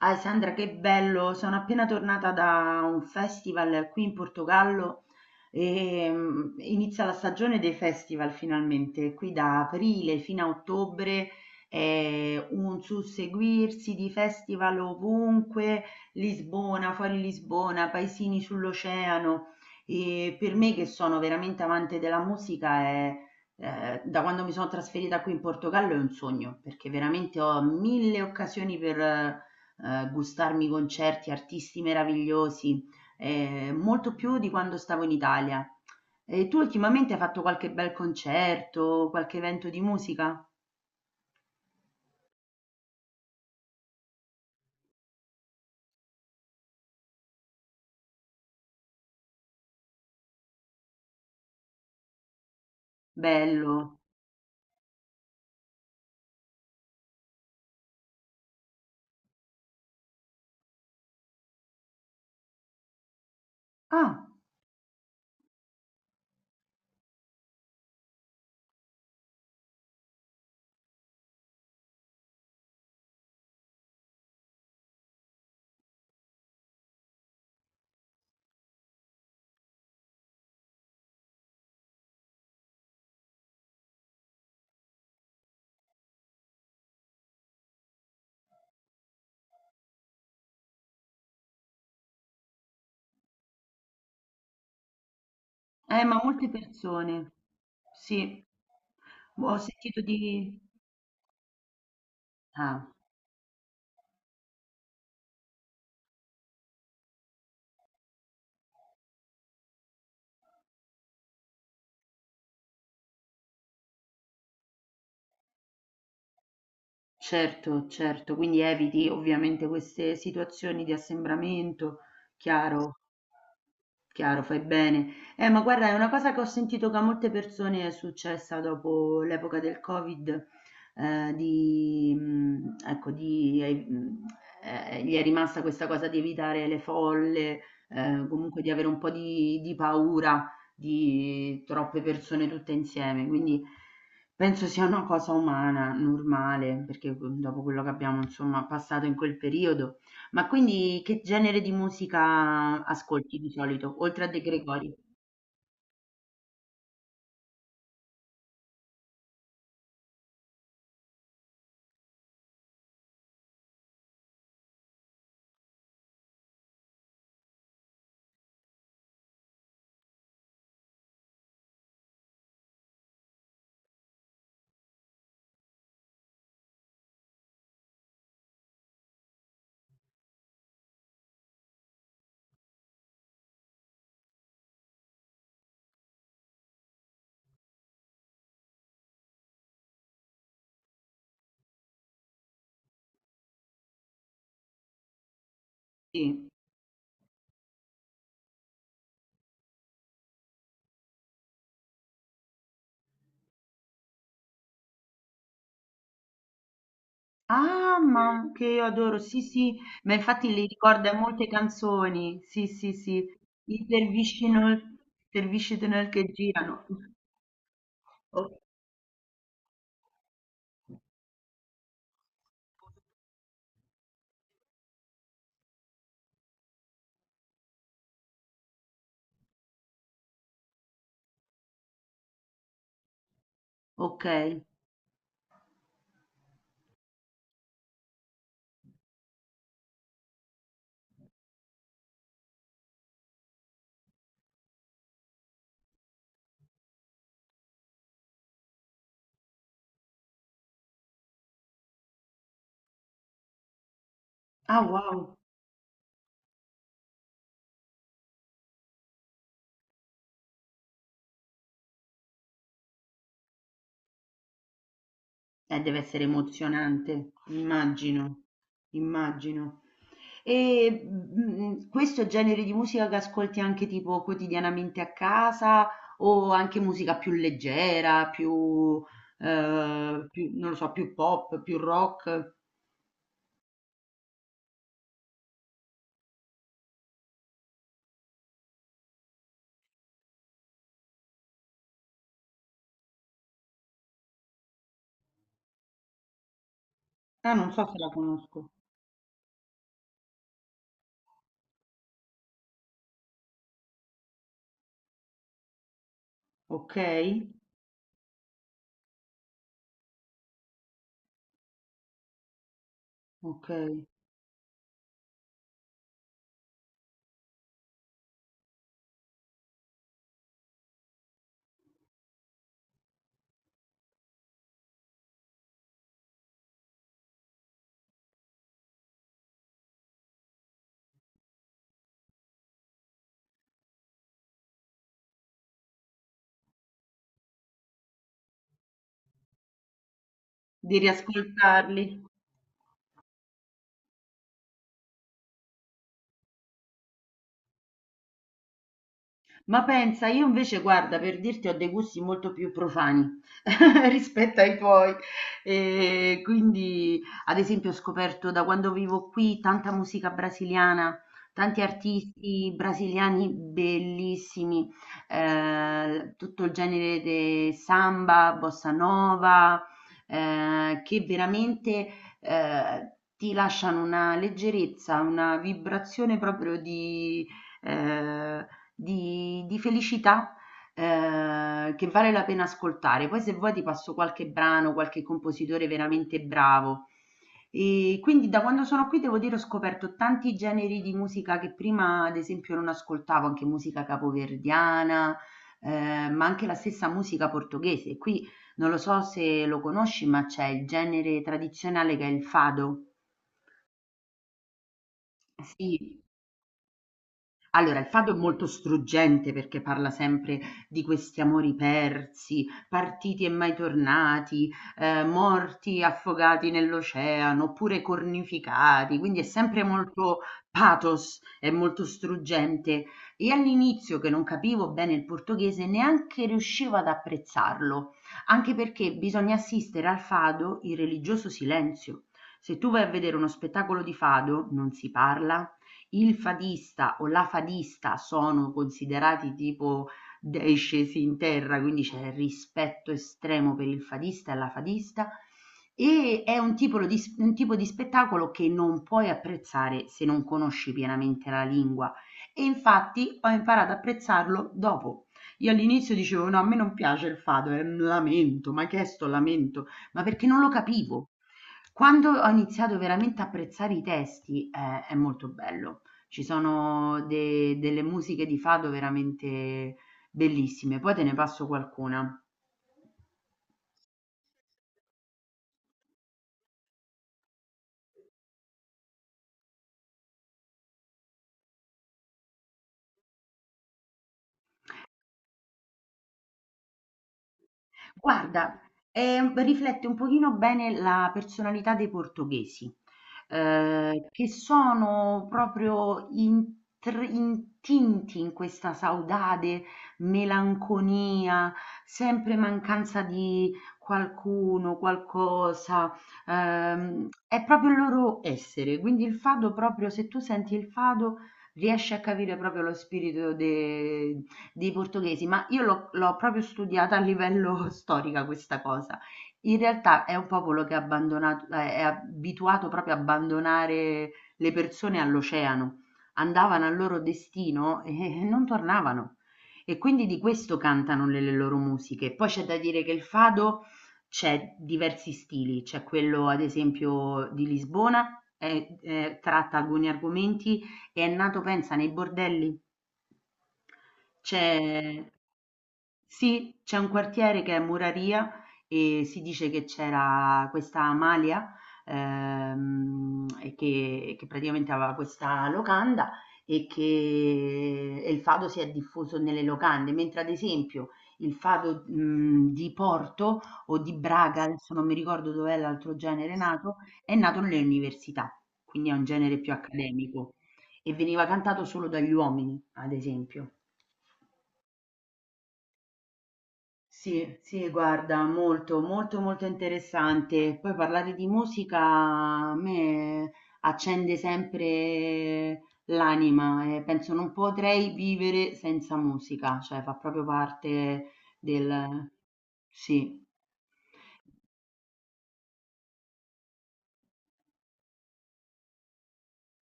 Ah, Sandra, che bello! Sono appena tornata da un festival qui in Portogallo e inizia la stagione dei festival finalmente, qui da aprile fino a ottobre è un susseguirsi di festival ovunque, Lisbona, fuori Lisbona, paesini sull'oceano e per me che sono veramente amante della musica è da quando mi sono trasferita qui in Portogallo è un sogno, perché veramente ho mille occasioni per gustarmi concerti, artisti meravigliosi, molto più di quando stavo in Italia. E tu ultimamente hai fatto qualche bel concerto, qualche evento di musica? Bello. Ah, ma molte persone. Sì, ho sentito di... Ah, certo, certo, quindi eviti ovviamente queste situazioni di assembramento, chiaro. Chiaro, fai bene. Ma guarda, è una cosa che ho sentito che a molte persone è successa dopo l'epoca del Covid, eh, di, mh, ecco, di, eh, mh, gli è rimasta questa cosa di evitare le folle, comunque di avere un po' di paura di troppe persone tutte insieme. Quindi penso sia una cosa umana, normale, perché dopo quello che abbiamo, insomma, passato in quel periodo. Ma quindi che genere di musica ascolti di solito, oltre a De Gregori? Sì. Ah, ma che adoro, sì, sì, ma infatti li ricorda molte canzoni, sì, sì, sì, i dervisci nel che girano. O- ok, ah, wow, deve essere emozionante, immagino, immagino. E, mhmm, questo è il genere di musica che ascolti anche tipo quotidianamente a casa o anche musica più leggera, più, più non lo so, più pop, più rock? Ah, non so se la conosco. Okay, okay. Di riascoltarli. Ma pensa, io invece guarda, per dirti, ho dei gusti molto più profani rispetto ai tuoi. E quindi, ad esempio, ho scoperto da quando vivo qui tanta musica brasiliana, tanti artisti brasiliani bellissimi, tutto il genere de samba, bossa nova, eh, che veramente ti lasciano una leggerezza, una vibrazione proprio ehm, di felicità che vale la pena ascoltare. Poi se vuoi ti passo qualche brano, qualche compositore veramente bravo. E quindi da quando sono qui devo dire ho scoperto tanti generi di musica che prima ad esempio non ascoltavo, anche musica capoverdiana, ma anche la stessa musica portoghese. Qui non lo so se lo conosci, ma c'è il genere tradizionale che è il fado. Sì, allora, il fado è molto struggente perché parla sempre di questi amori persi, partiti e mai tornati, morti affogati nell'oceano oppure cornificati, quindi è sempre molto pathos, è molto struggente. E all'inizio, che non capivo bene il portoghese, neanche riuscivo ad apprezzarlo, anche perché bisogna assistere al fado in religioso silenzio. Se tu vai a vedere uno spettacolo di fado, non si parla, il fadista o la fadista sono considerati tipo dei scesi in terra, quindi c'è rispetto estremo per il fadista e la fadista e è un tipo di spettacolo che non puoi apprezzare se non conosci pienamente la lingua e infatti ho imparato ad apprezzarlo dopo. Io all'inizio dicevo no, a me non piace il fado, è un lamento, ma che è sto lamento? Ma perché non lo capivo. Quando ho iniziato veramente a apprezzare i testi, è molto bello. Ci sono de delle musiche di fado veramente bellissime. Poi te ne passo qualcuna. Guarda, riflette un pochino bene la personalità dei portoghesi, che sono proprio intr intinti in questa saudade, melanconia, sempre mancanza di qualcuno, qualcosa, è proprio il loro essere. Quindi il fado proprio se tu senti il fado riesci a capire proprio lo spirito de dei portoghesi, ma io l'ho, l'ho proprio studiata a livello storica questa cosa. In realtà è un popolo che è abbandonato, è abituato proprio a abbandonare le persone all'oceano. Andavano al loro destino e non tornavano. E quindi di questo cantano le loro musiche. Poi c'è da dire che il fado c'è diversi stili, c'è quello ad esempio di Lisbona, tratta alcuni argomenti e è nato pensa nei bordelli. C'è sì, c'è un quartiere che è Muraria e si dice che c'era questa Amalia e che praticamente aveva questa locanda e che e il fado si è diffuso nelle locande, mentre ad esempio il fado di Porto o di Braga, adesso non mi ricordo dov'è l'altro genere nato, è nato nelle università, quindi è un genere più accademico. E veniva cantato solo dagli uomini, ad esempio. Sì, sì, guarda, molto, molto, molto interessante. Poi parlare di musica a me accende sempre l'anima e penso non potrei vivere senza musica, cioè fa proprio parte del... Sì.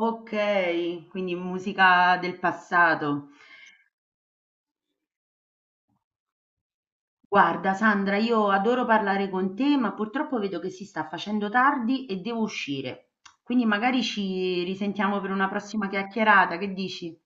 Ok, quindi musica del passato. Guarda, Sandra, io adoro parlare con te, ma purtroppo vedo che si sta facendo tardi e devo uscire. Quindi magari ci risentiamo per una prossima chiacchierata, che dici?